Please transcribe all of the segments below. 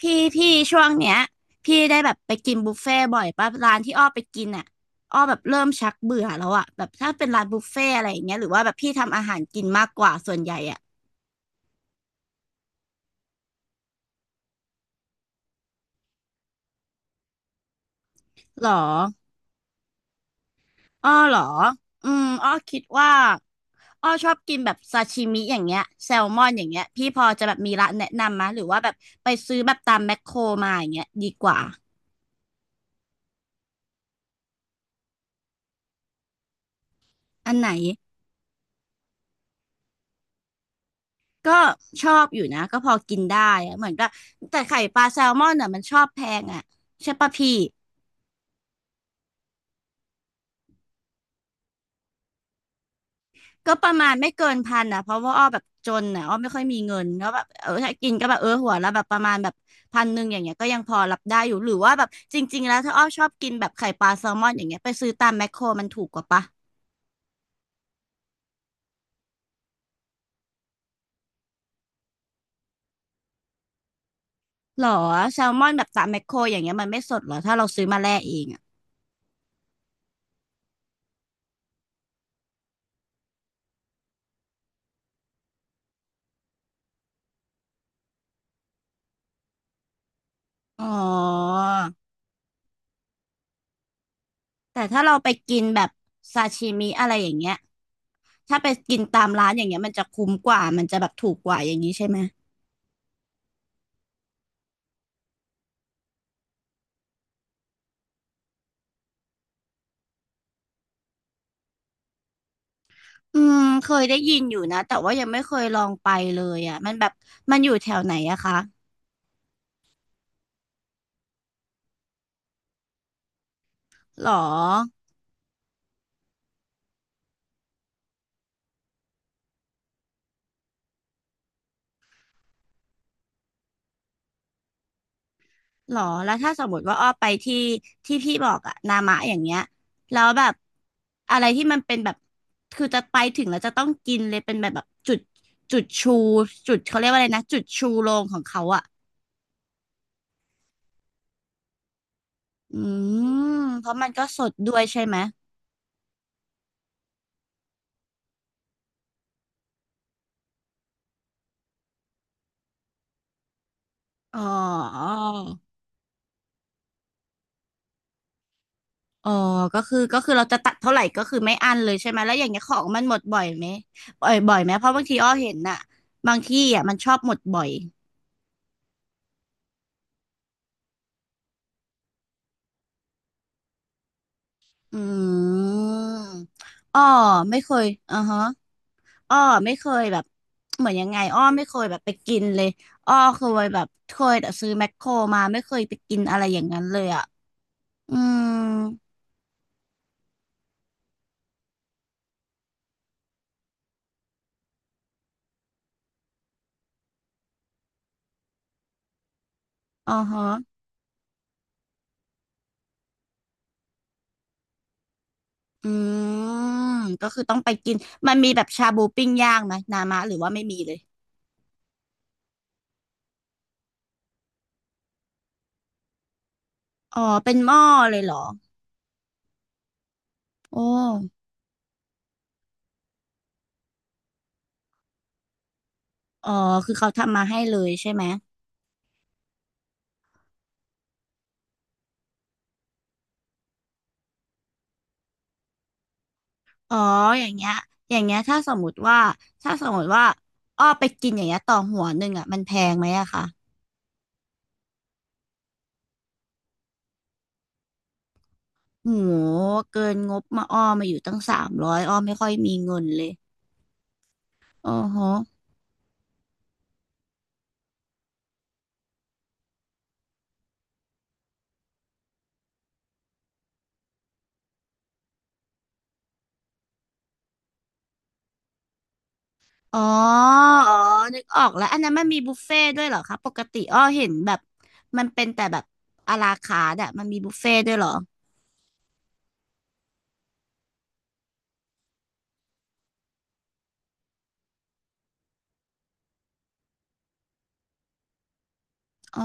พี่พี่ช่วงเนี้ยพี่ได้แบบไปกินบุฟเฟ่บ่อยป่ะร้านที่อ้อไปกินอ่ะอ้อแบบเริ่มชักเบื่อแล้วอ่ะแบบถ้าเป็นร้านบุฟเฟ่อะไรอย่างเงี้ยหรือว่าแบบพี่ทำอาหารกินมากกว่าส่วนใหญ่อ่ะหรออ้อหรออ้อคิดว่าอ้อชอบกินแบบซาชิมิอย่างเงี้ยแซลมอนอย่างเงี้ยพี่พอจะแบบมีร้านแนะนำมะหรือว่าแบบไปซื้อแบบตามแมคโครมาอย่างเงี้ยดีกว่าอันไหน ก็ชอบอยู่นะก็พอกินได้อะเหมือนก็แต่ไข่ปลาแซลมอนอ่ะมันชอบแพงอ่ะใช่ปะพี่ก็ประมาณไม่เกินพันอ่ะเพราะว่าอ้อแบบจนอ่ะอ้อไม่ค่อยมีเงินแล้วแบบเออถ้ากินก็แบบเออหัวละแบบประมาณแบบพันหนึ่งอย่างเงี้ยก็ยังพอรับได้อยู่หรือว่าแบบจริงๆแล้วถ้าอ้อชอบกินแบบไข่ปลาแซลมอนอย่างเงี้ยไปซื้อตามแมคโครมันถูกกว่าปะหรอแซลมอนแบบตามแมคโครอย่างเงี้ยมันไม่สดหรอถ้าเราซื้อมาแล่เองอ่ะอ๋อแต่ถ้าเราไปกินแบบซาชิมิอะไรอย่างเงี้ย ถ้าไปกินตามร้านอย่างเงี้ยมันจะคุ้มกว่ามันจะแบบถูกกว่าอย่างนี้ใช่ไหมอืมเคยได้ยินอยู่นะแต่ว่ายังไม่เคยลองไปเลยอ่ะมันแบบมันอยู่แถวไหนอะคะหรอหรอแล้วถ้าสมมติว่าอ้อไปที่ที่พี่บอกอะนามะอย่างเงี้ยแล้วแบบอะไรที่มันเป็นแบบคือจะไปถึงแล้วจะต้องกินเลยเป็นแบบแบบจุดจุดชูจุดเขาเรียกว่าอะไรนะจุดชูโรงของเขาอะอืเพราะมันก็สดด้วยใช่ไหมอ๋อ อ๋อก็คือก็คือเราจะตัดเท่าไหร่ก็คือไม่อั้นเลยใช่ไหมแล้วอย่างเงี้ยของมันหมดบ่อยไหมบ่อยบ่อยไหมเพราะบางทีอ้อเห็นน่ะบางที่อ่ะมันชอบหมดบ่อยอืมอ้อไม่เคยอ่าฮะอ้อไม่เคยแบบเหมือนยังไงอ้อไม่เคยแบบไปกินเลยอ้อเคยแบบเคยแต่ซื้อแมคโครมาไม่เคยไปกินอะไรอย่างนั้นเลยอ่ะอืมอ๋อฮะอืมก็คือต้องไปกินมันมีแบบชาบูปิ้งย่างไหมนามะหรือว่าไม่มีเลย อ๋อเป็นหม้อเลยเหรอโอ้อ๋อ คือเขาทำมาให้เลยใช่ไหม อ๋ออย่างเงี้ยอย่างเงี้ยถ้าสมมติว่า ถ้าสมมติว่าอ้อไปกินอย่างเงี้ยต่อหัวหนึ่งอ่ะมันแพงไหมอะคะโหเกินงบมาอ้อมาอยู่ตั้งสามร้อยอ้อไม่ค่อยมีเงินเลย อ๋อฮะอ๋อ อ๋อนึกออกแล้วอันนั้นมันมีบุฟเฟ่ต์ด้วยเหรอคะปกติอ้อเห็นแบบมันเป็นแต่แบบอะลาคาร์ทอะมันมีบุฟเฟ่ต์ด้วยเหรออ๋อ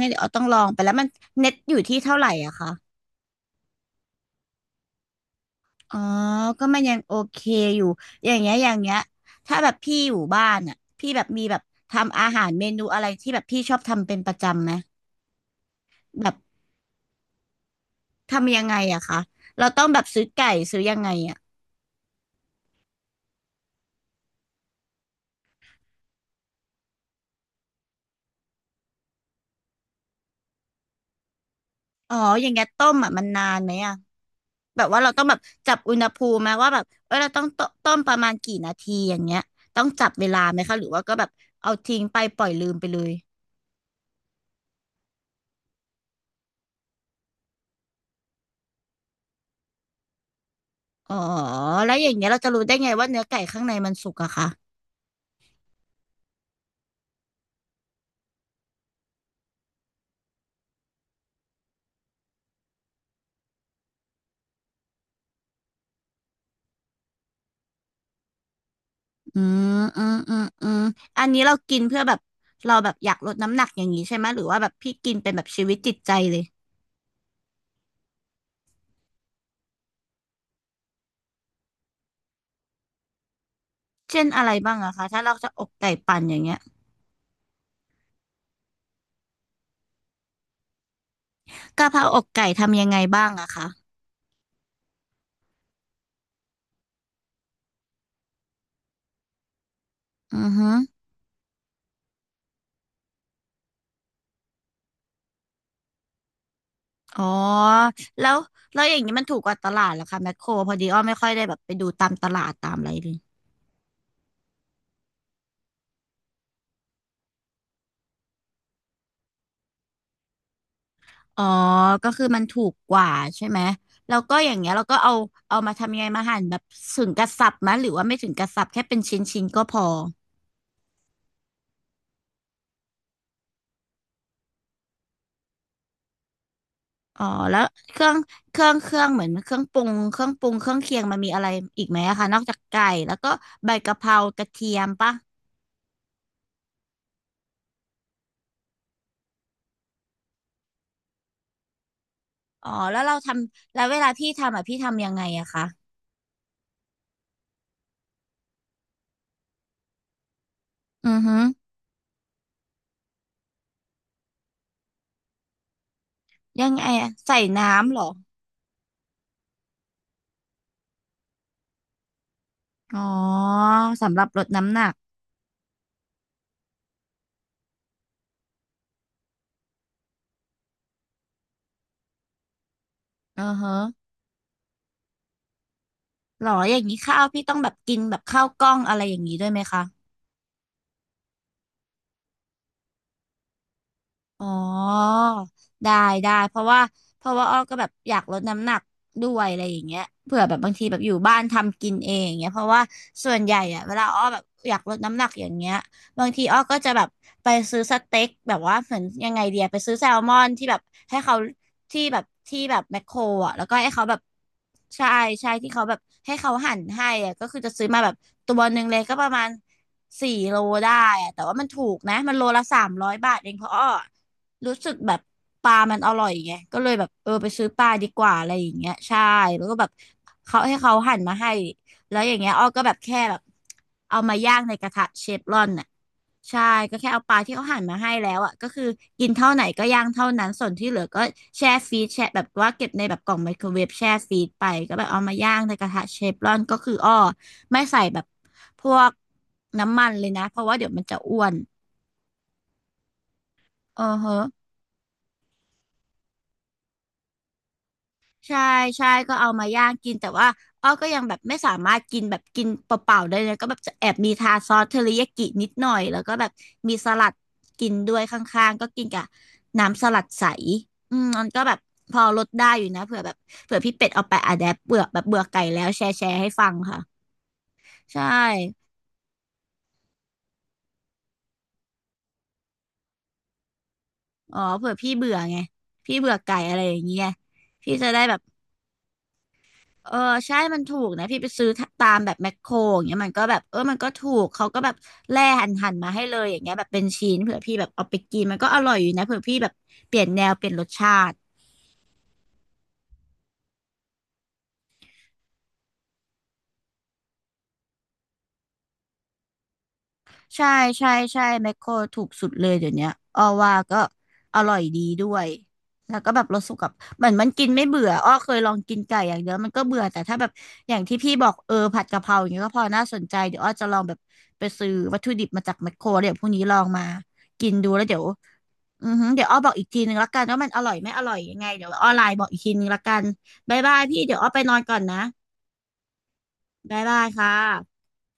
งั้นเดี๋ยวอ้อต้องลองไปแล้วมันเน็ตอยู่ที่เท่าไหร่อะคะ อ๋อก็มันยังโอเคอยู่ อย่างเงี้ยอย่างเงี้ยถ้าแบบพี่อยู่บ้านอ่ะพี่แบบมีแบบทำอาหารเมนูอะไรที่แบบพี่ชอบทำเป็นประจำไหมแบบทำยังไงอะคะเราต้องแบบซื้อไก่ซื้อยังไงอะอ๋ออย่างเงี้ยต้มอะมันนานไหมอะแบบว่าเราต้องแบบจับอุณหภูมิไหมว่าแบบเออเราต้องต้ประมาณกี่นาทีอย่างเงี้ยต้องจับเวลาไหมคะหรือว่าก็แบบเอาทิ้งไปปล่อยลืมไปเลยอ๋อแล้วอย่างเงี้ยเราจะรู้ได้ไงว่าเนื้อไก่ข้างในมันสุกอะคะ อือืมอันนี้เรากินเพื่อแบบเราแบบอยากลดน้ำหนักอย่างนี้ใช่ไหมหรือว่าแบบพี่กินเป็นแบบชีวิตจิตใจเลยเช่นอะไรบ้างอะคะถ้าเราจะอกไก่ปั่นอย่างเงี้ยกะเพราอกไก่ทำยังไงบ้างอะคะอือฮึอ๋อแล้วแล้วอย่างนี้มันถูกกว่าตลาดเหรอคะแมคโครพอดีอ้อไม่ค่อยได้แบบไปดูตามตลาดตามอะไรเลยอ๋อก็คือมันถูกกว่าใช่ไหมแล้วก็อย่างเงี้ยเราก็เอาเอามาทำยังไงมาหั่นแบบถึงกระสับไหมหรือว่าไม่ถึงกระสับแค่เป็นชิ้นๆก็พอ อ๋อแล้วเครื่องเครื่องเหมือนเครื่องปรุงเครื่องเคียงมันมีอะไรอีกไหมอะคะนอกจากไก่แล้วก็ใบกะเพรากระเทียมปะอ๋อแล้วเราทำแล้วเวลาพี่ทำอ่ะพี่ทำยังไงอะคะอือฮึยังไงอะใส่น้ำเหรออ๋อสำหรับลดน้ำหนักอือฮะหรออย่างนี้ข้าวพี่ต้องแบบกินแบบข้าวกล้องอะไรอย่างนี้ด้วยไหมคะ อ๋อได้ได้เพราะว่าอ้อก็แบบอยากลดน้ำหนักด้วยอะไรอย่างเงี้ยเผื่อแบบบางทีแบบอยู่บ้านทำกินเองอย่างเงี้ยเพราะว่าส่วนใหญ่อะเวลาอ้อแบบอยากลดน้ำหนักอย่างเงี้ยบางทีอ้อก็จะแบบไปซื้อสเต็กแบบว่าเหมือนยังไงเดียไปซื้อแซลมอนที่แบบให้เขาที่แบบแมคโครอะแล้วก็ให้เขาแบบใช่ใช่ที่เขาแบบให้เขาหั่นให้อะก็คือจะซื้อมาแบบตัวหนึ่งเลยก็ประมาณสี่โลได้อะแต่ว่ามันถูกนะมันโลละ300 บาทเองเพราะอ้อ รู้สึกแบบปลามันอร่อยไงก็เลยแบบเออไปซื้อปลาดีกว่าอะไรอย่างเงี้ยใช่แล้วก็แบบเขาให้เขาหั่นมาให้แล้วอย่างเงี้ยอ้อก็แบบแค่แบบเอามาย่างในกระทะเชฟรอนน่ะใช่ก็แค่เอาปลาที่เขาหั่นมาให้แล้วอ่ะก็คือกินเท่าไหนก็ย่างเท่านั้นส่วนที่เหลือก็แช่ฟรีซแช่แบบว่าเก็บในแบบกล่องไมโครเวฟแช่ฟรีซไปก็แบบเอามาย่างในกระทะเชฟรอนก็คืออ้อไม่ใส่แบบพวกน้ำมันเลยนะเพราะว่าเดี๋ยวมันจะอ้วนเออเฮะ ใช่ใช่ก็เอามาย่างกินแต่ว่าอ้อก็ยังแบบไม่สามารถกินแบบกินเปล่าๆได้เลยก็แบบจะแอบมีทาซอสเทอริยากินิดหน่อยแล้วก็แบบมีสลัดกินด้วยข้างๆก็กินกับน้ำสลัดใสอืมมันก็แบบพอลดได้อยู่นะเผื่อแบบเผื่อพี่เป็ดเอาไปอะแดปเบื่อแบบเบื่อไก่แล้วแชร์ให้ฟังค่ะใช่อ๋อเผื่อพี่เบื่อไงพี่เบื่อไก่อะไรอย่างเงี้ยพี่จะได้แบบ เออใช่มันถูกนะพี่ไปซื้อตามแบบแมคโครอย่างเงี้ยมันก็แบบเออมันก็ถูกเขาก็แบบแล่หั่นมาให้เลยอย่างเงี้ยแบบเป็นชิ้นเผื่อพี่แบบเอาไปกินมันก็อร่อยอยู่นะเผื่อพี่แบบเปลี่ยนแนวเปลี่ยนรสชาติใช่ใช่ใช่แมคโครถูกสุดเลยเดี๋ยวเนี้ยอ้อว่าก็อร่อยดีด้วยแล้วก็แบบรสสุกับเหมือนมันกินไม่เบื่ออ้อเคยลองกินไก่อย่างเดียวมันก็เบื่อแต่ถ้าแบบอย่างที่พี่บอกเออผัดกะเพราอย่างเงี้ยก็พอน่าสนใจเดี๋ยวอ้อจะลองแบบไปซื้อวัตถุดิบมาจากแมคโครเดี๋ยวพรุ่งนี้ลองมากินดูแล้วเดี๋ยว อือหือเดี๋ยวอ้อบอกอีกทีนึงละกันว่ามันอร่อยไม่อร่อยยังไงเดี๋ยวอ้อไลน์บอกอีกทีนึงละกันบ๊ายบายพี่เดี๋ยวอ้อไปนอนก่อนนะบ๊ายบายค่ะ